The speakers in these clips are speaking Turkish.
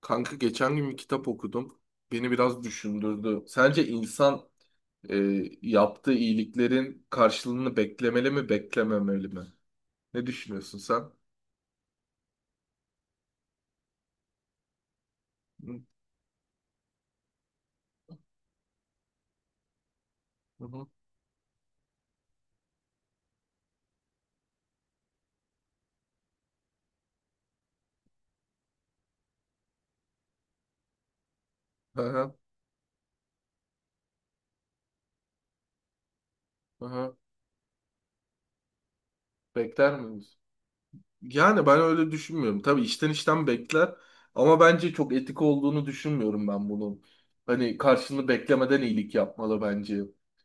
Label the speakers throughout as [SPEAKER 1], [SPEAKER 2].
[SPEAKER 1] Kanka geçen gün bir kitap okudum. Beni biraz düşündürdü. Sence insan e, yaptığı iyiliklerin karşılığını beklemeli mi, beklememeli mi? Ne düşünüyorsun sen? Hı hı. Aha, aha. Bekler miyiz? Yani ben öyle düşünmüyorum. Tabii işten bekler ama bence çok etik olduğunu düşünmüyorum ben bunun. Hani karşılığını beklemeden iyilik yapmalı bence.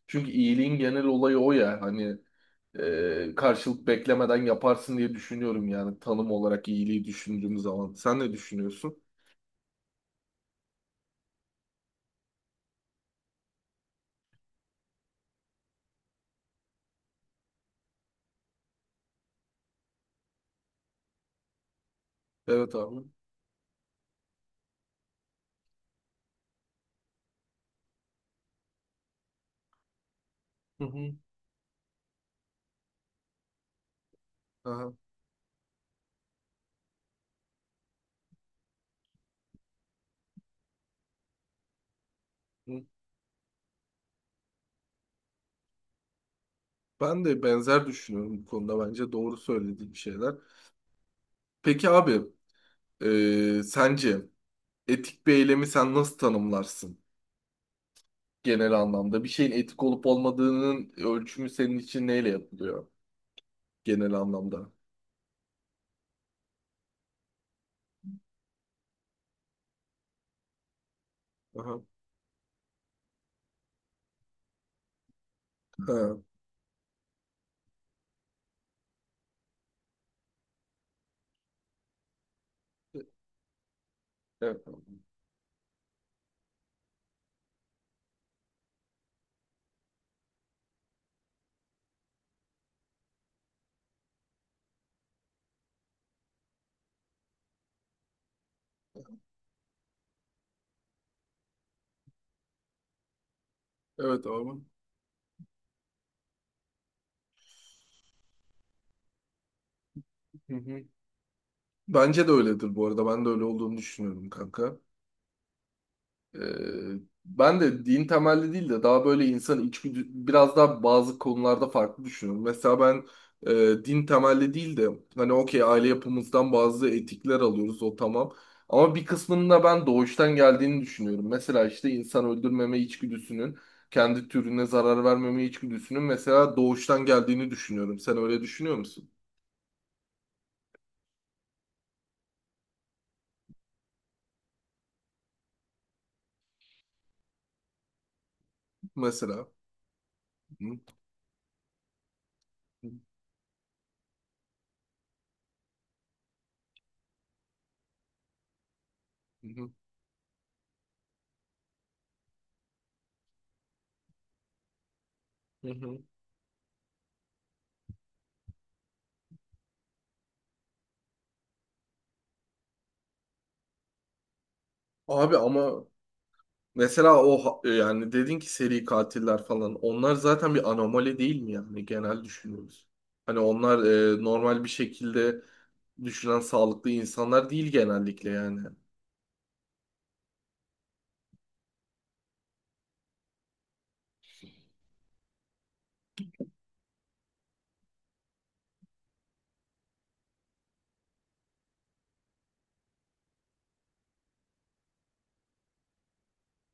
[SPEAKER 1] Çünkü iyiliğin genel olayı o ya hani karşılık beklemeden yaparsın diye düşünüyorum yani tanım olarak iyiliği düşündüğüm zaman. Sen ne düşünüyorsun? Evet abi. Hı hı. Aha. Hı. Ben de benzer düşünüyorum bu konuda bence doğru söylediğim şeyler. Peki abi, sence etik bir eylemi sen nasıl tanımlarsın? Genel anlamda? Bir şeyin etik olup olmadığının ölçümü senin için neyle yapılıyor genel anlamda? Aha. Ha, evet. Evet abi. Hı hı. Bence de öyledir bu arada. Ben de öyle olduğunu düşünüyorum kanka. Ee, ben de din temelli değil de daha böyle insan içgüdü biraz daha bazı konularda farklı düşünüyorum. Mesela ben, din temelli değil de hani okey aile yapımızdan bazı etikler alıyoruz o tamam. Ama bir kısmının da ben doğuştan geldiğini düşünüyorum. Mesela işte insan öldürmeme içgüdüsünün, kendi türüne zarar vermeme içgüdüsünün mesela doğuştan geldiğini düşünüyorum. Sen öyle düşünüyor musun? Mesela. Hı hı hı hı. Abi ama mesela o yani dedin ki seri katiller falan onlar zaten bir anomali değil mi yani genel düşünüyoruz. Hani onlar normal bir şekilde düşünen sağlıklı insanlar değil genellikle yani.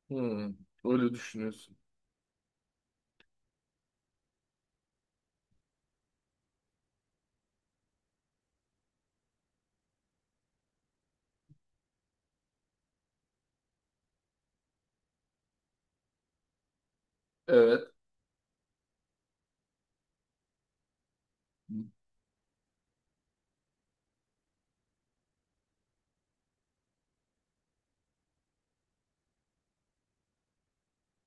[SPEAKER 1] Hmm, öyle düşünüyorsun. Evet.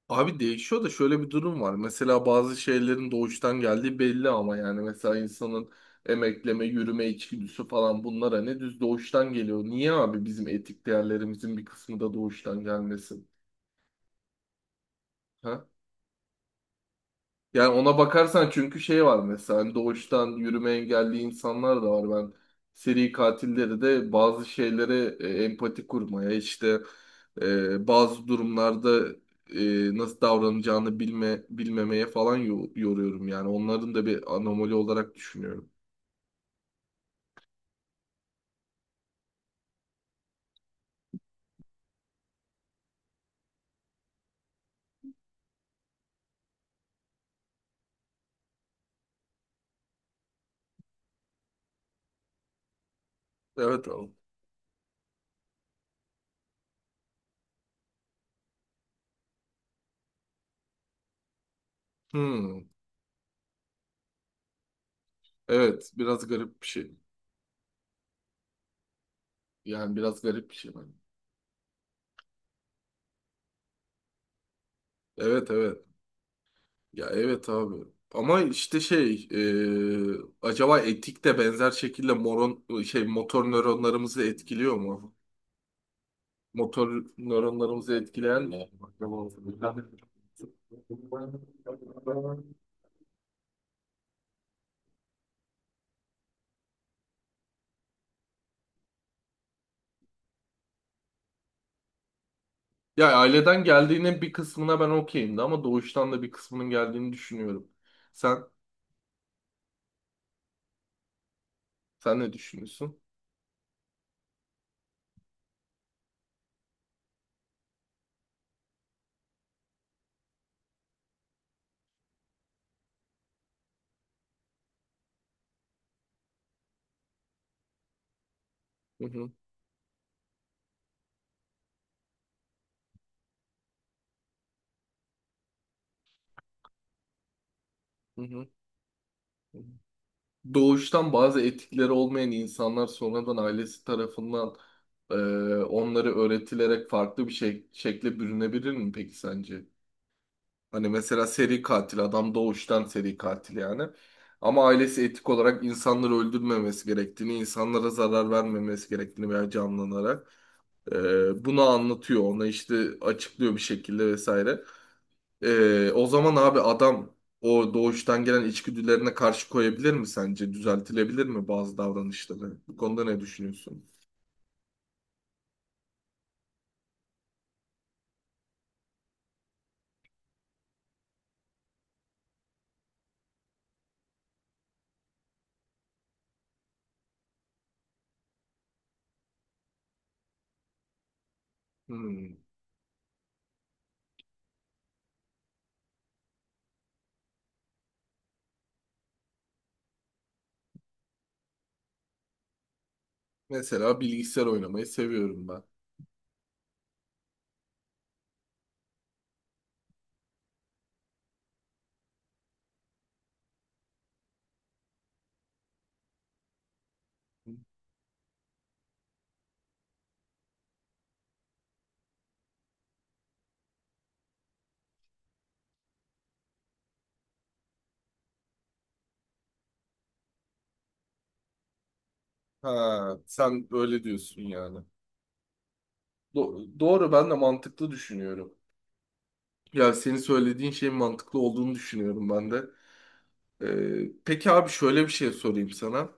[SPEAKER 1] Abi değişiyor da şöyle bir durum var. Mesela bazı şeylerin doğuştan geldiği belli ama yani mesela insanın emekleme, yürüme içgüdüsü falan bunlar hani düz doğuştan geliyor. Niye abi bizim etik değerlerimizin bir kısmı da doğuştan gelmesin? Ha? Yani ona bakarsan çünkü şey var mesela hani doğuştan yürüme engelli insanlar da var. Ben seri katilleri de bazı şeylere empati kurmaya işte, bazı durumlarda, nasıl davranacağını bilme bilmemeye falan yoruyorum yani. Onların da bir anomali olarak düşünüyorum. Evet abi. Hmm. Evet, biraz garip bir şey. Yani biraz garip bir şey bence. Evet evet. Ya evet abi. Ama işte acaba etik de benzer şekilde moron şey motor nöronlarımızı etkiliyor mu? Motor nöronlarımızı etkileyen mi? Ya aileden geldiğinin bir kısmına ben okeyim de ama doğuştan da bir kısmının geldiğini düşünüyorum. Sen sen ne düşünüyorsun? Hı hı hı hı. Hı. Doğuştan bazı etikleri olmayan insanlar sonradan ailesi tarafından, e, onları öğretilerek farklı bir şekle bürünebilir mi peki sence? Hani mesela seri katil adam doğuştan seri katil yani. Ama ailesi etik olarak insanları öldürmemesi gerektiğini, insanlara zarar vermemesi gerektiğini veya canlanarak bunu anlatıyor. Ona işte açıklıyor bir şekilde vesaire. O zaman abi adam o doğuştan gelen içgüdülerine karşı koyabilir mi sence? Düzeltilebilir mi bazı davranışları? Bu konuda ne düşünüyorsun? Hmm. Mesela bilgisayar oynamayı seviyorum ben. Ha, sen öyle diyorsun yani. Doğru, ben de mantıklı düşünüyorum. Ya senin söylediğin şeyin mantıklı olduğunu düşünüyorum ben de. Peki abi şöyle bir şey sorayım sana.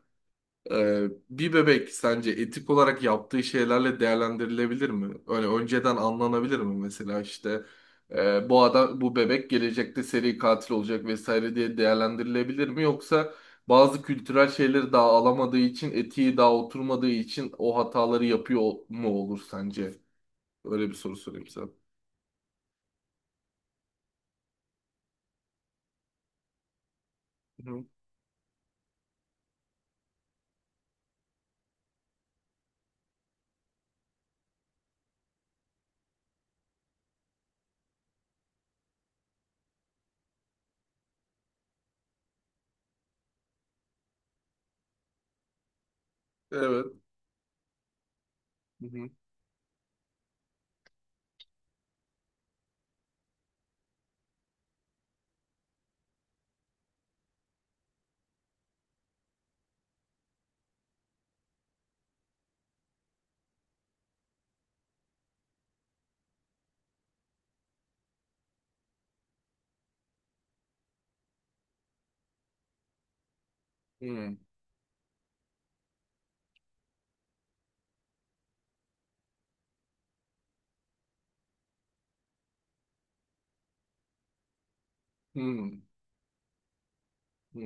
[SPEAKER 1] Bir bebek sence etik olarak yaptığı şeylerle değerlendirilebilir mi? Öyle önceden anlanabilir mi mesela işte, bu adam bu bebek gelecekte seri katil olacak vesaire diye değerlendirilebilir mi? Yoksa bazı kültürel şeyleri daha alamadığı için etiği daha oturmadığı için o hataları yapıyor mu olur sence? Öyle bir soru sorayım sana. Hı. Evet. Hı hı. Hı. Hı. Hı.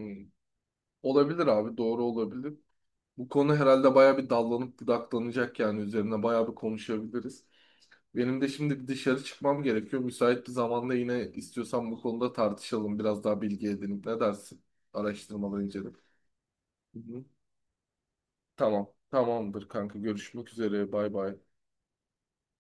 [SPEAKER 1] Olabilir abi, doğru olabilir. Bu konu herhalde bayağı bir dallanıp budaklanacak, yani üzerine bayağı bir konuşabiliriz. Benim de şimdi bir dışarı çıkmam gerekiyor. Müsait bir zamanda yine istiyorsan bu konuda tartışalım. Biraz daha bilgi edinip, ne dersin? Araştırmaları incelip. Hı hı. Tamam. Tamamdır kanka. Görüşmek üzere. Bay bay.